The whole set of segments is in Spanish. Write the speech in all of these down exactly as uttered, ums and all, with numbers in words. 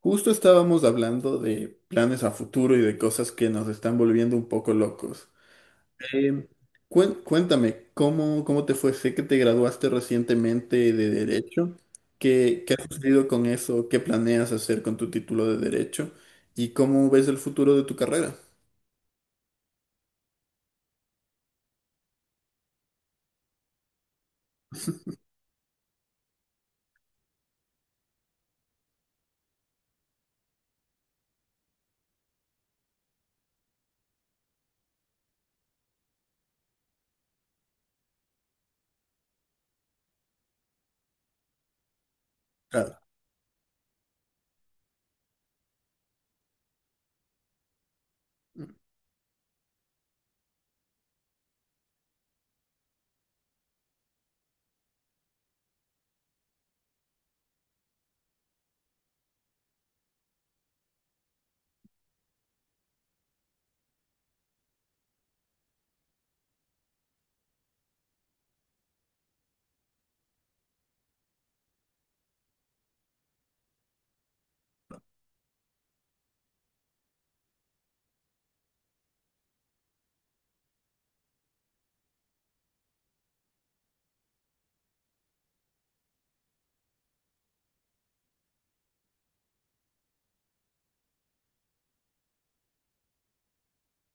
Justo estábamos hablando de planes a futuro y de cosas que nos están volviendo un poco locos. Em, cuen- Cuéntame, ¿cómo, ¿cómo te fue? Sé que te graduaste recientemente de Derecho. ¿Qué, ¿qué ha sucedido con eso? ¿Qué planeas hacer con tu título de Derecho? ¿Y cómo ves el futuro de tu carrera? Claro.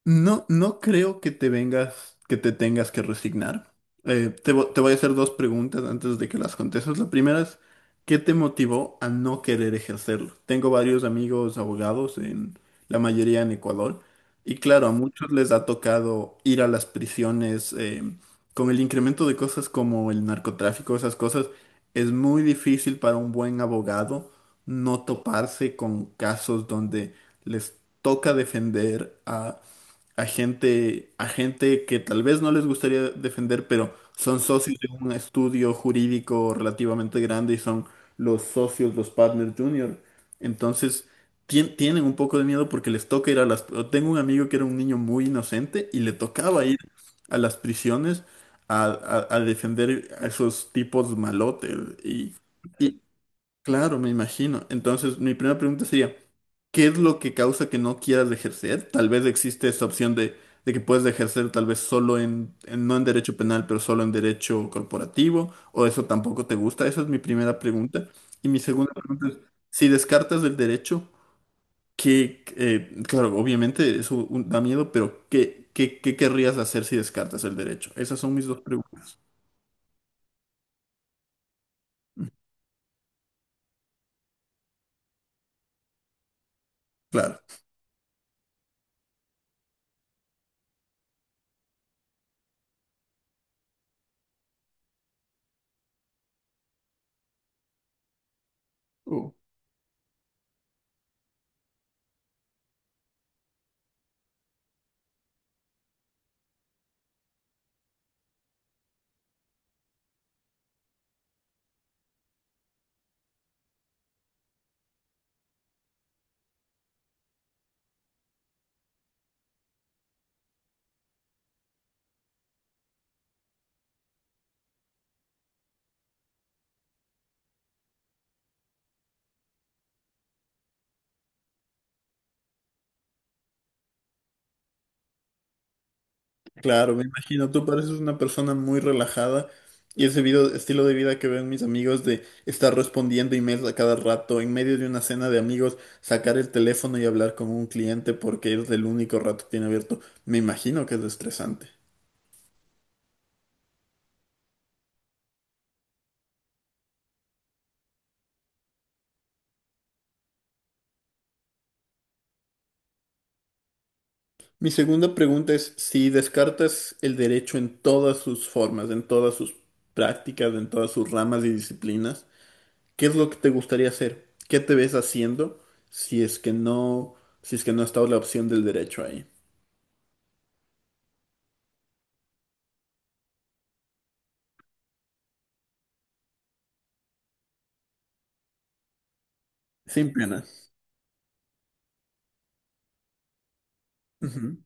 No, no creo que te vengas, que te tengas que resignar. Eh, te, vo- te voy a hacer dos preguntas antes de que las contestes. La primera es, ¿qué te motivó a no querer ejercerlo? Tengo varios amigos abogados, en la mayoría en Ecuador, y claro, a muchos les ha tocado ir a las prisiones eh, con el incremento de cosas como el narcotráfico, esas cosas. Es muy difícil para un buen abogado no toparse con casos donde les toca defender a a gente, a gente que tal vez no les gustaría defender, pero son socios de un estudio jurídico relativamente grande y son los socios, los partners junior. Entonces, tien- tienen un poco de miedo porque les toca ir a las... Tengo un amigo que era un niño muy inocente y le tocaba ir a las prisiones a, a- a defender a esos tipos malotes. Y, y, Claro, me imagino. Entonces, mi primera pregunta sería, ¿qué es lo que causa que no quieras ejercer? Tal vez existe esta opción de, de que puedes ejercer tal vez solo en, en- no en derecho penal, pero solo en derecho corporativo, o eso tampoco te gusta. Esa es mi primera pregunta. Y mi segunda pregunta es, si descartas el derecho, ¿qué, eh, claro, obviamente eso un- da miedo, pero ¿qué, qué, ¿qué querrías hacer si descartas el derecho? Esas son mis dos preguntas. Claro. Claro, me imagino, tú pareces una persona muy relajada y ese video- estilo de vida que ven mis amigos de estar respondiendo emails a cada rato, en medio de una cena de amigos, sacar el teléfono y hablar con un cliente porque es el único rato que tiene abierto, me imagino que es estresante. Mi segunda pregunta es si descartas el derecho en todas sus formas, en todas sus prácticas, en todas sus ramas y disciplinas, ¿qué es lo que te gustaría hacer? ¿Qué te ves haciendo si es que no, si es que no está la opción del derecho ahí? Sin pena. Ujú.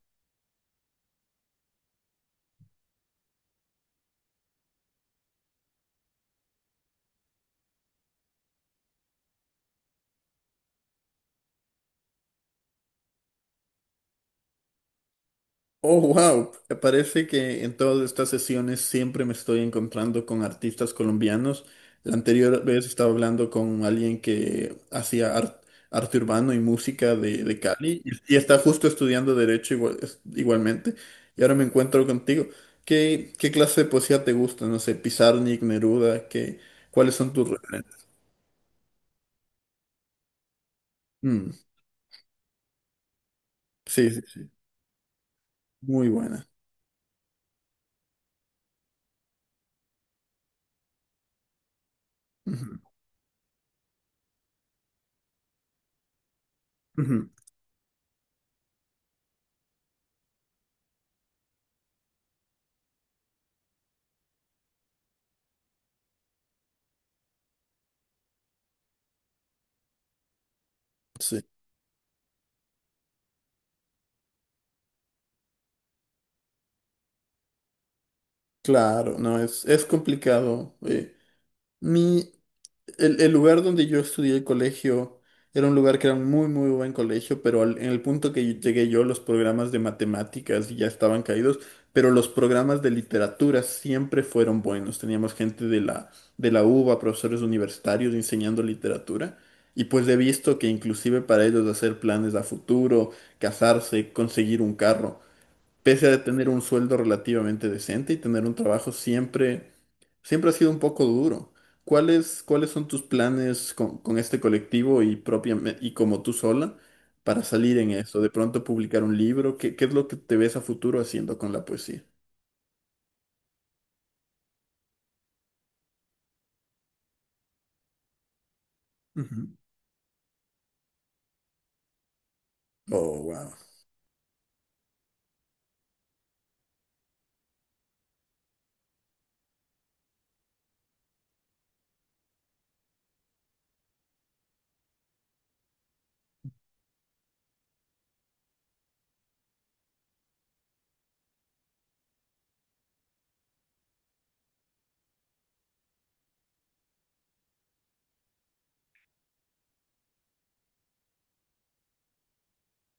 Oh, wow. Parece que en todas estas sesiones siempre me estoy encontrando con artistas colombianos. La anterior vez estaba hablando con alguien que hacía ar- arte urbano y música de, de Cali y, y está justo estudiando derecho igual- es- igualmente. Y ahora me encuentro contigo. ¿Qué, ¿qué clase de poesía te gusta? No sé, Pizarnik, Neruda, ¿qué, ¿cuáles son tus referentes? Mm, sí, sí, sí. Muy buena. Ujú, ujú, sí. Claro, no, es, es complicado. eh. mi, el, el lugar donde yo estudié el colegio era un lugar que era un muy, muy buen colegio, pero al- en el punto que llegué yo, los programas de matemáticas ya estaban caídos, pero los programas de literatura siempre fueron buenos. Teníamos gente de la, de la U B A, profesores universitarios enseñando literatura. Y pues he visto que inclusive para ellos hacer planes a futuro, casarse, conseguir un carro pese a tener un sueldo relativamente decente y tener un trabajo siempre, siempre ha sido un poco duro. ¿Cuáles, ¿cuáles son tus planes con, con este colectivo y propiamente, y como tú sola para salir en eso? De pronto publicar un libro, ¿qué, ¿qué es lo que te ves a futuro haciendo con la poesía? Ujú. Oh, wow.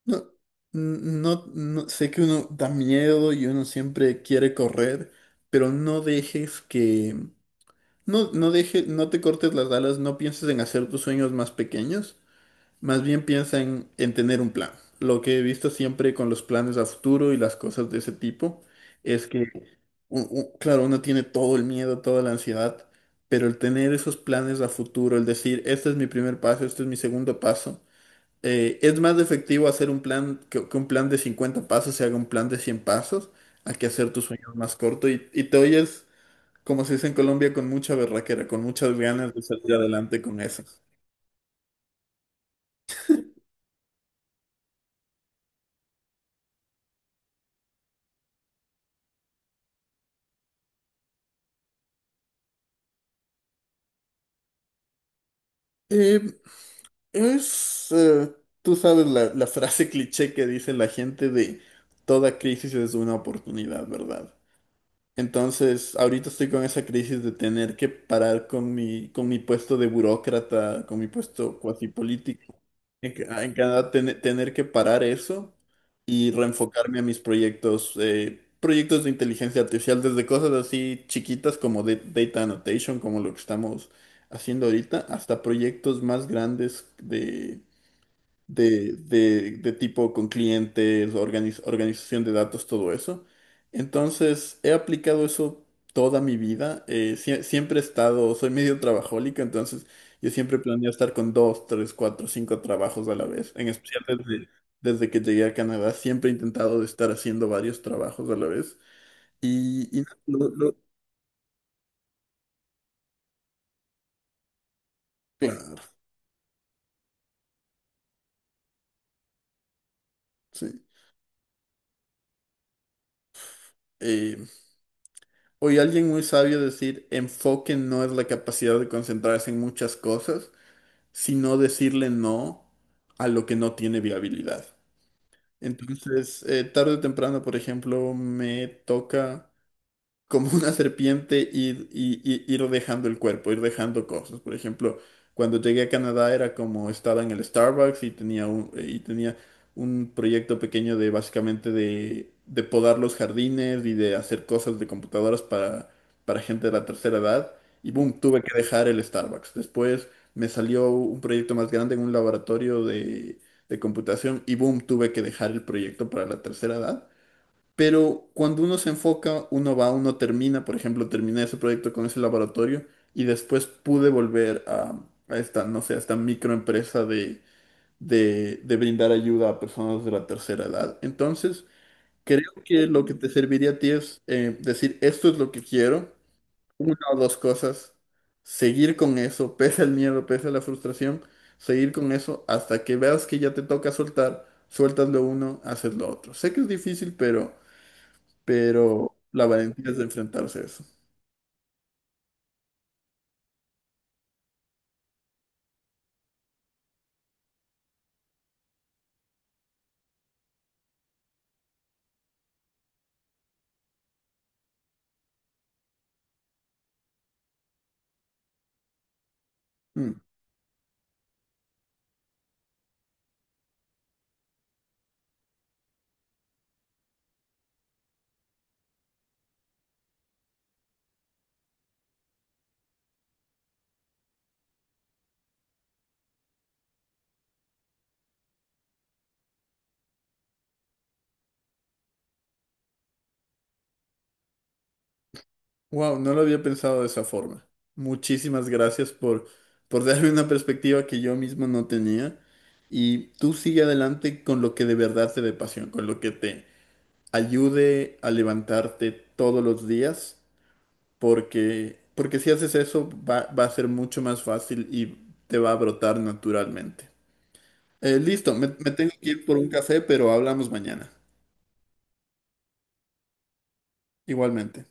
No, no, no, sé que uno da miedo y uno siempre quiere correr, pero no dejes que, no, no deje, no te cortes las alas, no pienses en hacer tus sueños más pequeños. Más bien piensa en, en tener un plan. Lo que he visto siempre con los planes a futuro y las cosas de ese tipo es que, u- u- claro, uno tiene todo el miedo, toda la ansiedad, pero el tener esos planes a futuro, el decir, este es mi primer paso, este es mi segundo paso, eh, es más efectivo hacer un plan, que, que un plan de cincuenta pasos se haga un plan de cien pasos, a que hacer tus sueños más corto y, y te oyes, como se dice en Colombia, con mucha berraquera, con muchas ganas de salir adelante con eso. Es, eh, Tú sabes la, la frase cliché que dice la gente de toda crisis es una oportunidad, ¿verdad? Entonces, ahorita estoy con esa crisis de tener que parar con mi, con mi puesto de burócrata, con mi puesto cuasi político. En, Ca- en Canadá, ten- tener que parar eso y reenfocarme a mis proyectos, eh, proyectos de inteligencia artificial, desde cosas así chiquitas como de- data annotation, como lo que estamos haciendo ahorita, hasta proyectos más grandes de, de- de tipo con clientes, organiz- organización de datos, todo eso. Entonces, he aplicado eso toda mi vida. Eh, sie- siempre he estado, soy medio trabajólico, entonces yo siempre planeo estar con dos, tres, cuatro, cinco trabajos a la vez. En especial desde, desde que llegué a Canadá, siempre he intentado de estar haciendo varios trabajos a la vez. Y, y lo- lo- claro, sí. Eh, Oí a alguien muy sabio decir, enfoque no es la capacidad de concentrarse en muchas cosas, sino decirle no a lo que no tiene viabilidad. Entonces, eh, tarde o temprano, por ejemplo, me toca como una serpiente ir, y- y- ir dejando el cuerpo, ir dejando cosas. Por ejemplo, cuando llegué a Canadá era como estaba en el Starbucks y tenía un, eh, y tenía un proyecto pequeño de básicamente de, de podar los jardines y de hacer cosas de computadoras para, para gente de la tercera edad. Y boom, tuve que dejar el Starbucks. Después me salió un proyecto más grande en un laboratorio de, de computación y boom, tuve que dejar el proyecto para la tercera edad. Pero cuando uno se enfoca, uno va, uno termina, por ejemplo, terminé ese proyecto con ese laboratorio y después pude volver a, a esta, no sé, a esta microempresa de, de, de brindar ayuda a personas de la tercera edad. Entonces, creo que lo que te serviría a ti es eh, decir, esto es lo que quiero, una o dos cosas, seguir con eso, pese al miedo, pese a la frustración, seguir con eso hasta que veas que ya te toca soltar, sueltas lo uno, haces lo otro. Sé que es difícil, pero pero la valentía es de enfrentarse a eso. Wow, no lo había pensado de esa forma. Muchísimas gracias por, por darme una perspectiva que yo mismo no tenía. Y tú sigue adelante con lo que de verdad te dé pasión, con lo que te ayude a levantarte todos los días, porque, porque si haces eso va, va a ser mucho más fácil y te va a brotar naturalmente. Eh, listo, me, me tengo que ir por un café, pero hablamos mañana. Igualmente.